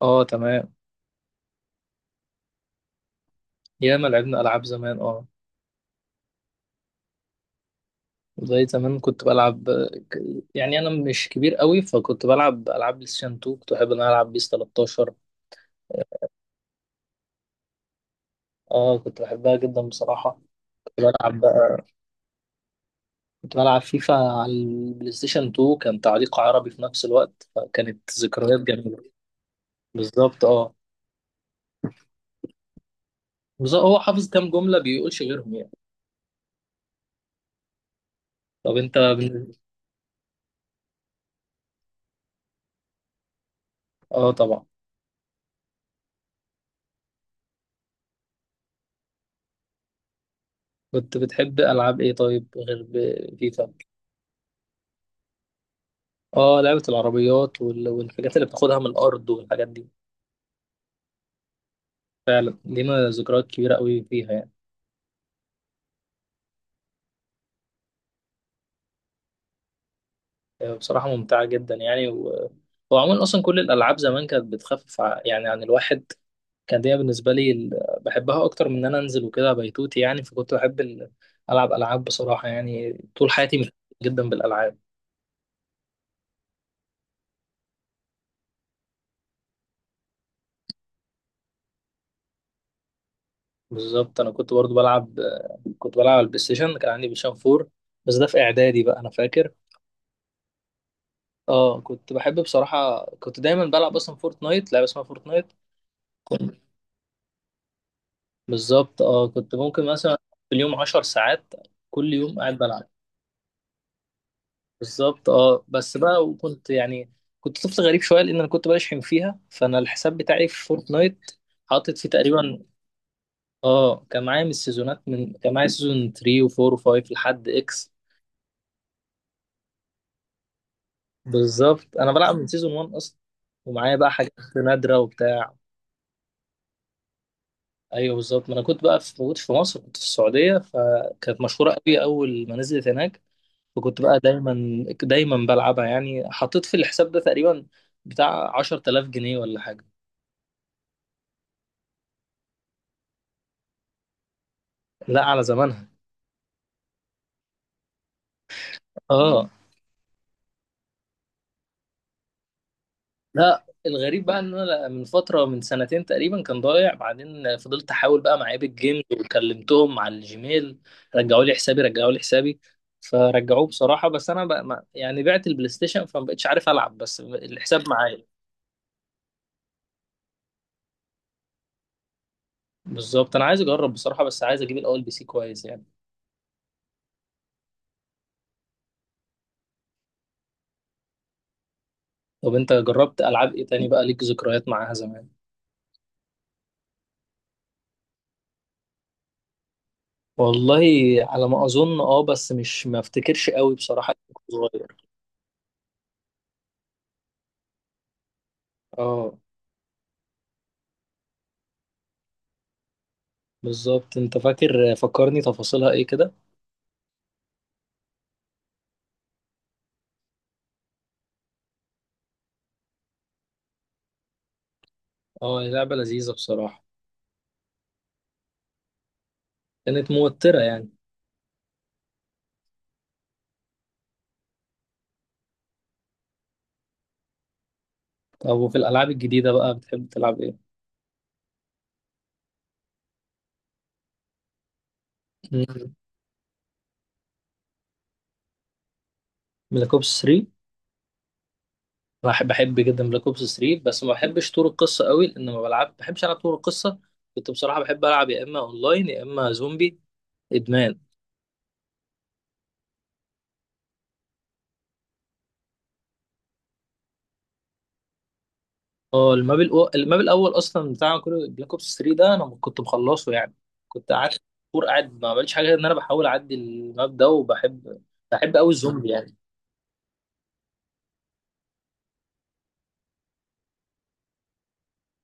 اه، تمام. ياما لعبنا العاب زمان، اه. زي زمان كنت بلعب ك- يعني انا مش كبير قوي، فكنت بلعب العاب بلاي ستيشن 2، كنت بحب ان انا العب بيس 13. اه كنت بحبها جدا بصراحه. كنت بلعب بقى كنت بلعب فيفا على البلاي ستيشن 2، كان تعليق عربي في نفس الوقت، فكانت ذكريات جميله. بالظبط اه. بالظبط هو حافظ كام جمله بيقولش غيرهم يعني. طب انت اه طبعا. كنت بتحب العاب ايه طيب غير فيفا؟ اه، لعبة العربيات والحاجات اللي بتاخدها من الأرض والحاجات دي. فعلا لينا ذكريات كبيرة قوي فيها يعني. آه، بصراحة ممتعة جدا يعني وعموما أصلا كل الألعاب زمان كانت بتخفف يعني عن الواحد. كان دي بالنسبة لي بحبها أكتر من إن أنا أنزل وكده بيتوتي يعني، فكنت بحب ألعب ألعاب بصراحة يعني طول حياتي مش جدا بالألعاب. بالظبط أنا كنت برضو بلعب، كنت بلعب على البلاي ستيشن، كان عندي بلاي ستيشن 4. بس ده في إعدادي بقى أنا فاكر. اه كنت بحب بصراحة، كنت دايما بلعب اصلا فورتنايت، لعبة اسمها فورتنايت. كنت بالظبط اه، كنت ممكن مثلا في اليوم 10 ساعات كل يوم قاعد بلعب. بالظبط اه بس بقى، وكنت يعني كنت طفل غريب شوية لان انا كنت بشحن فيها، فانا الحساب بتاعي في فورتنايت حاطط فيه تقريبا. اه كان معايا من السيزونات، من كان معايا سيزون 3 و4 و5 لحد اكس. بالظبط انا بلعب من سيزون 1 اصلا، ومعايا بقى حاجات نادرة وبتاع. ايوه بالظبط، ما انا كنت بقى في موجود في مصر، كنت في السعوديه، فكانت مشهوره قوي اول ما نزلت هناك. فكنت بقى دايما دايما بلعبها يعني، حطيت في الحساب ده تقريبا بتاع 10000 جنيه ولا حاجه. لا، على زمانها. اه، لا الغريب بقى ان انا من فتره من سنتين تقريبا كان ضايع، بعدين فضلت احاول بقى مع ايبك جيمز، وكلمتهم على الجيميل. رجعوا لي حسابي، رجعوا لي حسابي. فرجعوه بصراحه، بس انا بقى ما يعني بعت البلاي ستيشن، فما بقتش عارف العب، بس الحساب معايا. بالظبط انا عايز اجرب بصراحه، بس عايز اجيب الاول بي سي كويس يعني. طب انت جربت العاب ايه تاني بقى ليك ذكريات معاها زمان؟ والله على ما اظن اه، بس مش ما افتكرش قوي بصراحه، كنت صغير. اه بالظبط، انت فاكر فكرني تفاصيلها ايه كده. اه هي لعبه لذيذه بصراحه. كانت موتره يعني. طب وفي الالعاب الجديده بقى بتحب تلعب ايه؟ مم. بلاك اوبس 3. بحب جدا بلاك اوبس 3، بس ما بحبش طور القصه قوي، لان ما بلعب بحبش العب طور القصه. كنت بصراحه بحب العب يا اما اونلاين يا اما زومبي ادمان. اه، الماب الاول اصلا بتاع كل بلاك اوبس 3 ده انا كنت مخلصه يعني. كنت قعدت شهور قاعد ما بعملش حاجه غير ان انا بحاول اعدي الماب ده، بحب قوي الزومبي يعني.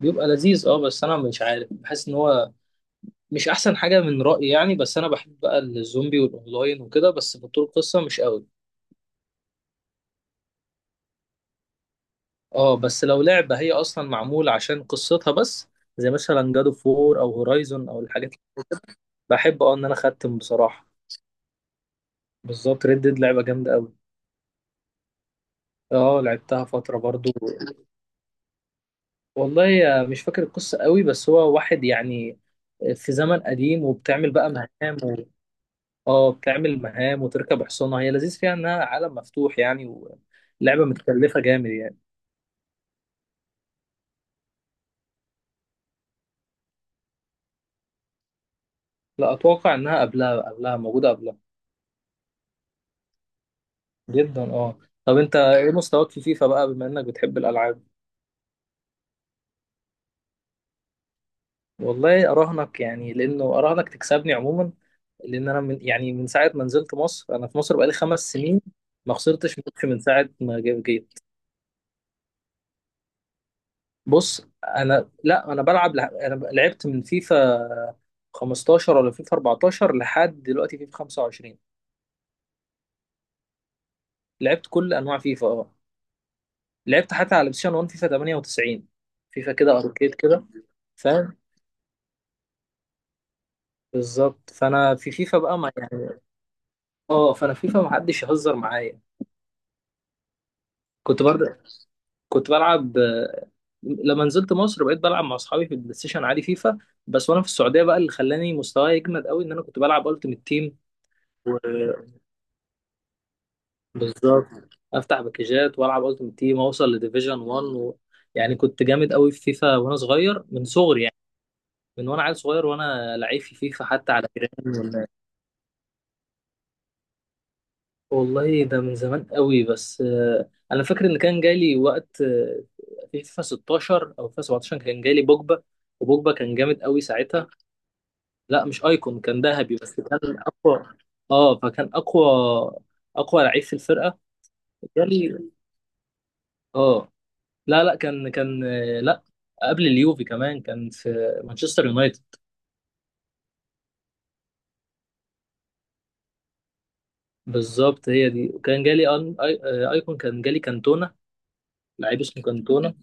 بيبقى لذيذ اه، بس انا مش عارف، بحس ان هو مش احسن حاجه من رايي يعني، بس انا بحب بقى الزومبي والاونلاين وكده، بس في طول القصه مش قوي. اه بس لو لعبه هي اصلا معموله عشان قصتها بس، زي مثلا جادو فور او هورايزون او الحاجات، بحب اه ان انا اختم بصراحه. بالظبط، ريد ديد لعبه جامده قوي. اه لعبتها فترة برضو. والله آه، مش فاكر القصة قوي، بس هو واحد يعني في زمن قديم، وبتعمل بقى مهام اه بتعمل مهام وتركب حصانة، هي لذيذ فيها انها عالم مفتوح يعني، ولعبة متكلفة جامد يعني. لا، اتوقع انها قبلها، موجودة قبلها. جدا اه. طب انت ايه مستواك في فيفا بقى بما انك بتحب الالعاب؟ والله اراهنك يعني لانه اراهنك تكسبني عموما، لان انا من يعني من ساعة ما نزلت مصر، انا في مصر بقالي 5 سنين ما خسرتش ماتش من ساعة ما جيت. بص انا لا انا بلعب انا لعبت من فيفا 15 ولا فيفا 14 لحد دلوقتي فيفا 25. لعبت كل انواع فيفا اه. لعبت حتى على بلاي 1 فيفا 98 فيفا كده اركيد كده. فاهم. بالظبط فانا في فيفا بقى ما يعني اه فانا فيفا ما حدش يهزر معايا. كنت برضه كنت بلعب آه، لما نزلت مصر بقيت بلعب مع اصحابي في البلاي ستيشن عادي فيفا بس. وانا في السعوديه بقى، اللي خلاني مستواي يجمد قوي ان انا كنت بلعب التيمت تيم. بالظبط، افتح باكجات والعب التيم تيم اوصل لديفيجن 1 يعني كنت جامد قوي في فيفا وانا صغير، من صغري يعني من وانا عيل صغير وانا لعيب في فيفا حتى على جيران ولا. والله ده من زمان قوي، بس آه، انا فاكر ان كان جالي وقت آه، في فيفا 16 او فيفا 17 كان جالي بوجبا. وبوجبا كان جامد قوي ساعتها. لا مش ايكون، كان ذهبي بس كان اقوى. اه فكان اقوى، اقوى لعيب في الفرقه. جالي اه. لا لا، كان لا قبل اليوفي كمان كان في مانشستر يونايتد. بالظبط هي دي، وكان جالي ايكون، كان جالي كانتونا، لعيب اسمه كانتونا.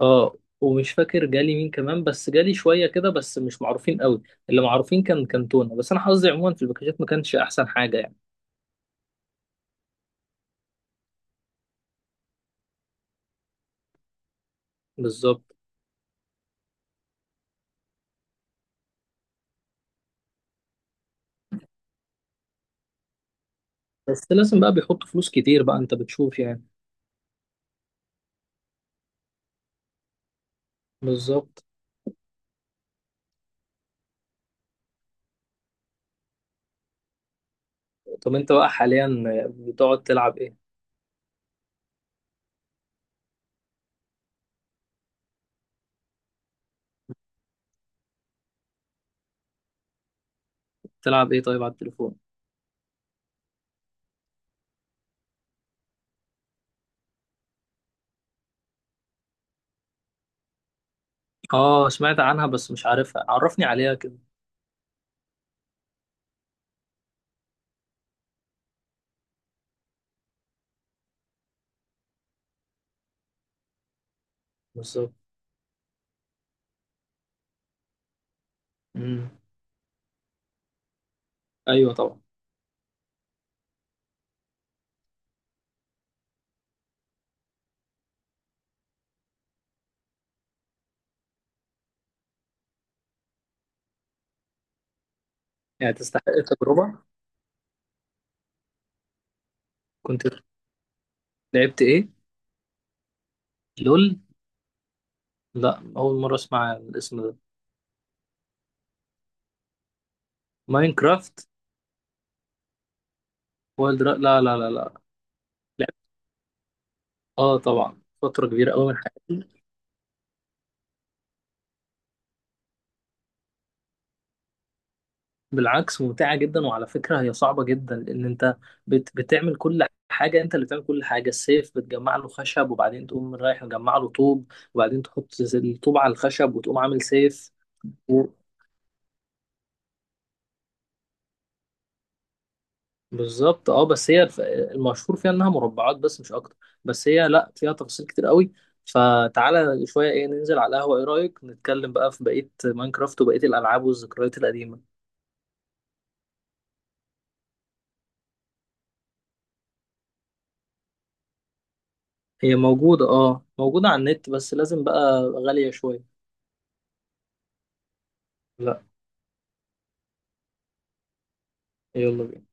اه ومش فاكر جالي مين كمان، بس جالي شويه كده بس مش معروفين قوي. اللي معروفين كان كانتونا. بس انا حظي عموما في الباكجات ما كانش احسن حاجه يعني. بالظبط. بس لازم بقى بيحطوا فلوس كتير بقى انت بتشوف يعني. بالظبط. طب انت بقى حاليا بتقعد تلعب ايه؟ تلعب ايه طيب على التليفون؟ اه سمعت عنها بس مش عارفها، عرفني عليها كده. بالظبط. امم. ايوه طبعا. يعني تستحق التجربه. كنت. لعبت ايه؟ لول. لا اول مره اسمع الاسم ده. ماينكرافت. لا لا لا لا. لعبت اه طبعا، فتره كبيره قوي من حياتي. بالعكس ممتعه جدا، وعلى فكره هي صعبه جدا لان انت بتعمل كل حاجه، انت اللي بتعمل كل حاجه، السيف بتجمع له خشب، وبعدين تقوم رايح مجمع له طوب، وبعدين تحط الطوب على الخشب وتقوم عامل سيف. بالظبط اه، بس هي المشهور فيها انها مربعات بس مش اكتر. بس هي لا، فيها تفاصيل كتير قوي. فتعالى شويه، ايه ننزل على القهوه، ايه رايك نتكلم بقى في بقيه ماينكرافت وبقيه الالعاب والذكريات القديمه. هي موجوده اه، موجوده على النت بس لازم بقى غاليه شويه. لا. يلا بينا.